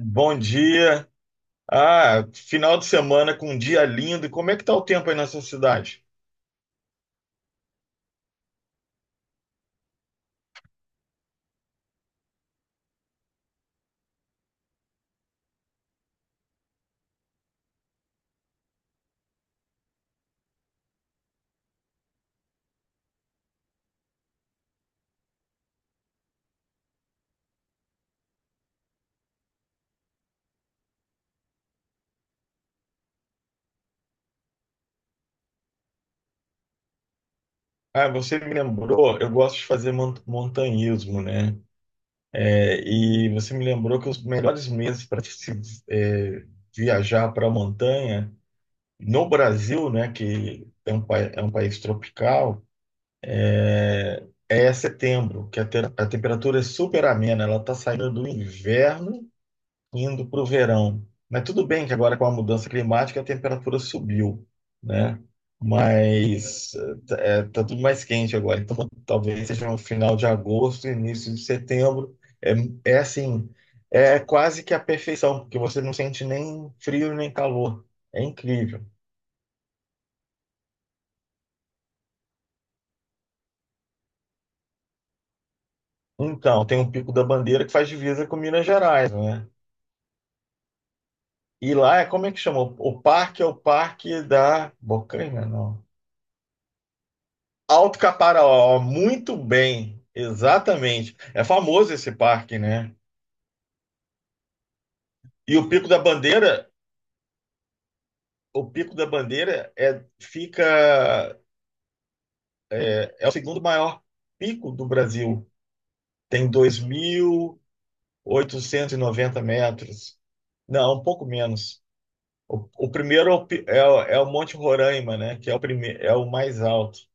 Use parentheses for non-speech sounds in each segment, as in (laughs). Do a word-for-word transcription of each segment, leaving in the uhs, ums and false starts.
Bom dia. Ah, final de semana com um dia lindo. E como é que tá o tempo aí na sua cidade? Ah, você me lembrou, eu gosto de fazer mon- montanhismo, né? É, e você me lembrou que os melhores meses para se é, viajar para a montanha no Brasil, né, que é um, pa- é um país tropical, é setembro, que a, te- a temperatura é super amena, ela está saindo do inverno indo para o verão. Mas tudo bem que agora com a mudança climática a temperatura subiu, né? Mas é, tá tudo mais quente agora. Então talvez seja no final de agosto, início de setembro. É, É assim, é quase que a perfeição, porque você não sente nem frio nem calor. É incrível. Então, tem o Pico da Bandeira que faz divisa com Minas Gerais, né? E lá é como é que chama? O parque é o parque da Bocaina, não. Alto Caparaó, muito bem, exatamente. É famoso esse parque, né? E o Pico da Bandeira, o Pico da Bandeira é, fica, é, é o segundo maior pico do Brasil. Tem dois mil oitocentos e noventa metros. Não, um pouco menos. O, o primeiro é o, pi- é o- é o Monte Roraima, né? Que é o primeiro, é o mais alto.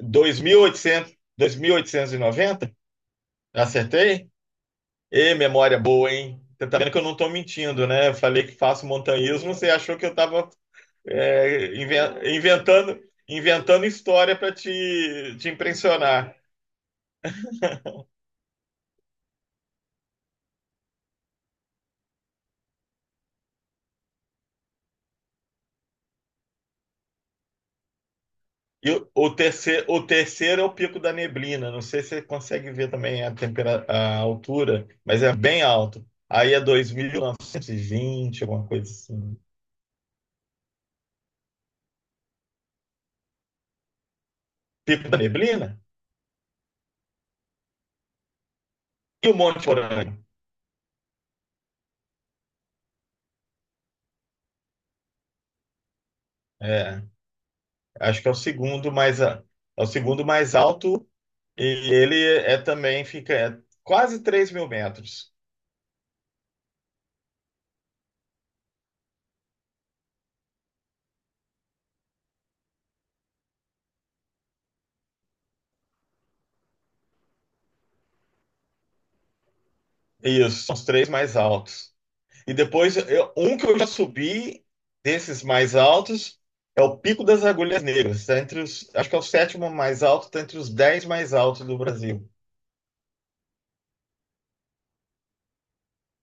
Dois dois mil mil oitocentos, dois mil oitocentos e noventa. Acertei? Ê, memória boa, hein? Você tá vendo que eu não tô mentindo, né? Eu falei que faço montanhismo, você achou que eu tava é, inven- inventando, inventando história para te, te impressionar. E o, o terceiro, o terceiro é o Pico da Neblina. Não sei se você consegue ver também a, tempera, a altura, mas é bem alto. Aí é dois mil novecentos e vinte, alguma coisa assim. Pico da Neblina? E o Monte Porã? É, acho que é o segundo mais, a- é o segundo mais alto. E ele é também fica é quase três mil metros. Isso, são os três mais altos. E depois, eu- um que eu já subi desses mais altos é o Pico das Agulhas Negras. Tá entre os, acho que é o sétimo mais alto, tá entre os dez mais altos do Brasil.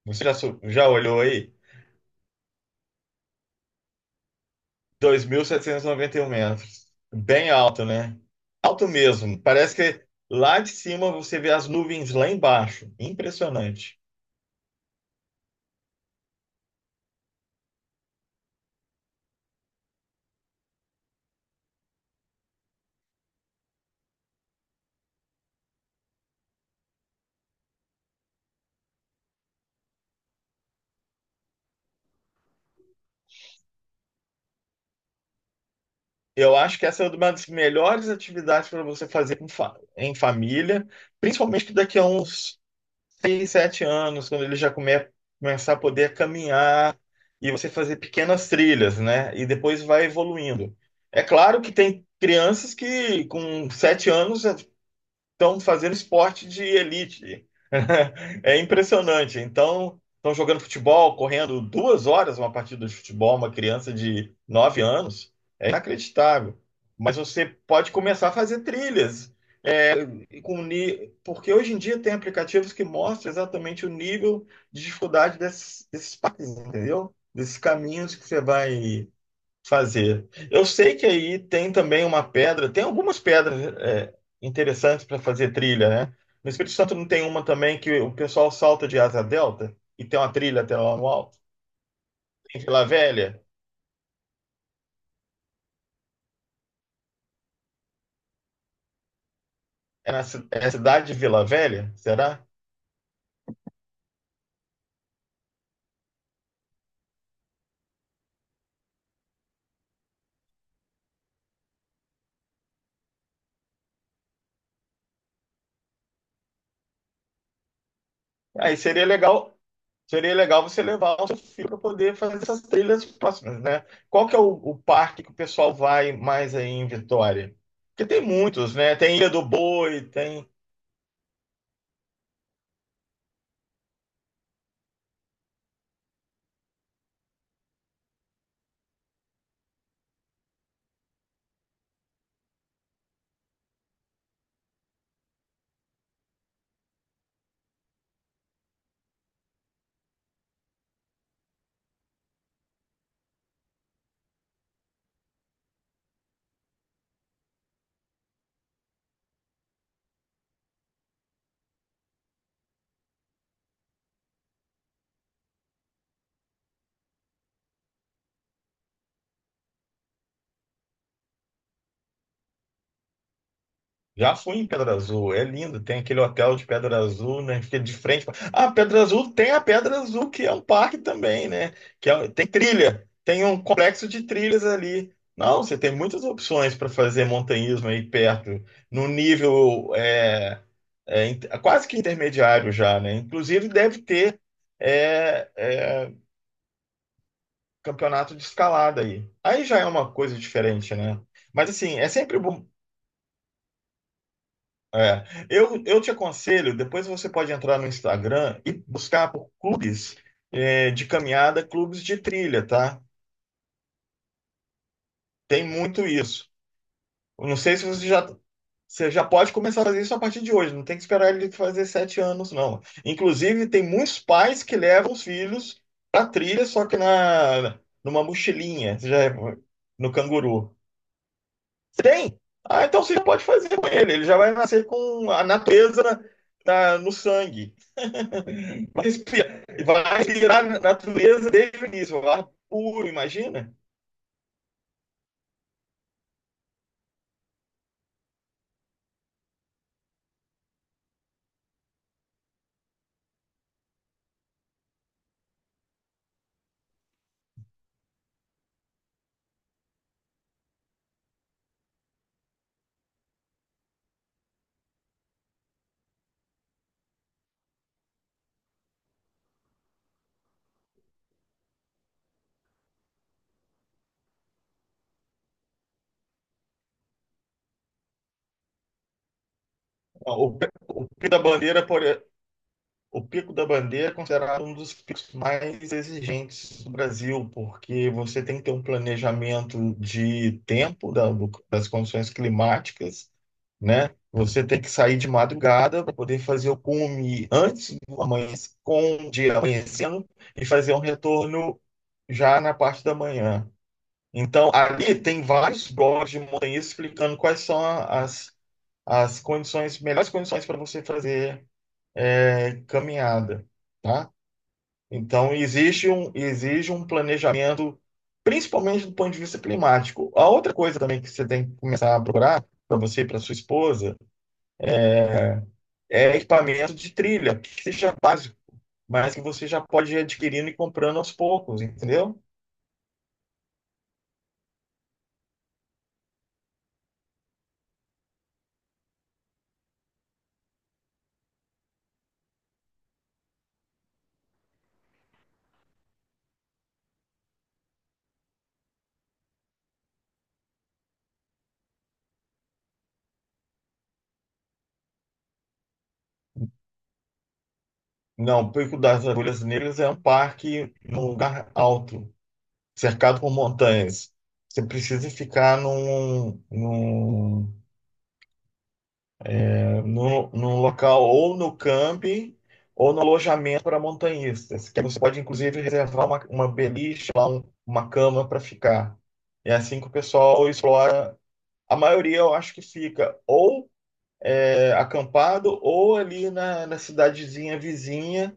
Você já, su- já olhou aí? Dois mil setecentos e noventa e um metros. Bem alto, né? Alto mesmo. Parece que lá de cima você vê as nuvens lá embaixo. Impressionante. Eu acho que essa é uma das melhores atividades para você fazer com fa- em família, principalmente que daqui a uns seis, sete anos, quando ele já come- começar a poder caminhar e você fazer pequenas trilhas, né? E depois vai evoluindo. É claro que tem crianças que com sete anos estão fazendo esporte de elite. (laughs) É impressionante. Então, estão jogando futebol, correndo duas horas uma partida de futebol, uma criança de nove anos. É inacreditável. Mas você pode começar a fazer trilhas. é, com ni- Porque hoje em dia tem aplicativos que mostram exatamente o nível de dificuldade desses, desses parques, entendeu? Desses caminhos que você vai fazer. Eu sei que aí tem também uma pedra, tem algumas pedras é, interessantes para fazer trilha, né? No Espírito Santo não tem uma também que o pessoal salta de asa delta e tem uma trilha até lá no alto? Em Vila Velha? É na ci- é a cidade de Vila Velha? Será? Aí seria legal, seria legal você levar o seu filho para poder fazer essas trilhas próximas, né? Qual que é o, o parque que o pessoal vai mais aí em Vitória? Porque tem muitos, né? Tem Ilha do Boi, tem. Já fui em Pedra Azul, é lindo. Tem aquele hotel de Pedra Azul, né? Fica de frente. pra- Ah, Pedra Azul tem a Pedra Azul, que é um parque também, né? Que é- um, tem trilha, tem um complexo de trilhas ali. Não, você tem muitas opções para fazer montanhismo aí perto, no nível é, é, in- é quase que intermediário já, né? Inclusive deve ter é, é, campeonato de escalada aí. Aí já é uma coisa diferente, né? Mas assim, é sempre bom. É, eu, eu te aconselho, depois você pode entrar no Instagram e buscar por clubes é, de caminhada, clubes de trilha, tá? Tem muito isso. Eu não sei se você já, você já pode começar a fazer isso a partir de hoje, não tem que esperar ele fazer sete anos, não. Inclusive, tem muitos pais que levam os filhos pra trilha, só que na, numa mochilinha, você já, é no canguru. Tem? Ah, então você já pode fazer com ele, ele já vai nascer com a natureza na- no sangue. Vai respirar, vai respirar a natureza desde o início, o ar puro, imagina? O, o pico da bandeira, por, o pico da bandeira é considerado um dos picos mais exigentes do Brasil, porque você tem que ter um planejamento de tempo da- do- das condições climáticas, né? Você tem que sair de madrugada para poder fazer o cume antes do amanhecer, com o dia amanhecendo e fazer um retorno já na parte da manhã. Então, ali tem vários blogs de montanhismo explicando quais são a- as, as condições, melhores condições para você fazer é, caminhada, tá? Então, existe um, exige um planejamento, principalmente do ponto de vista climático. A outra coisa também que você tem que começar a procurar para você e para sua esposa é equipamento de trilha, que seja básico, mas que você já pode ir adquirindo e comprando aos poucos, entendeu? Não, o Pico das Agulhas Negras é um parque num lugar alto, cercado por montanhas. Você precisa ficar num, num, eh, num, num local ou no camping ou no alojamento para montanhistas, que você pode inclusive reservar uma, uma beliche, uma cama para ficar. É assim que o pessoal explora. A maioria eu acho que fica ou é, acampado ou ali na, na cidadezinha vizinha,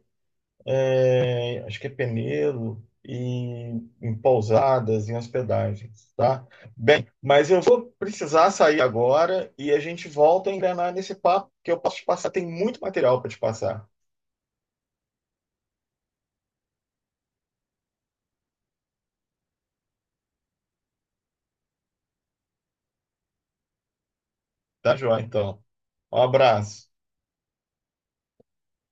acho que é Peneiro, e em pousadas, em hospedagens, tá? Bem, mas eu vou precisar sair agora e a gente volta a engrenar nesse papo que eu posso te passar. Tem muito material para te passar, tá, João? Então, um abraço.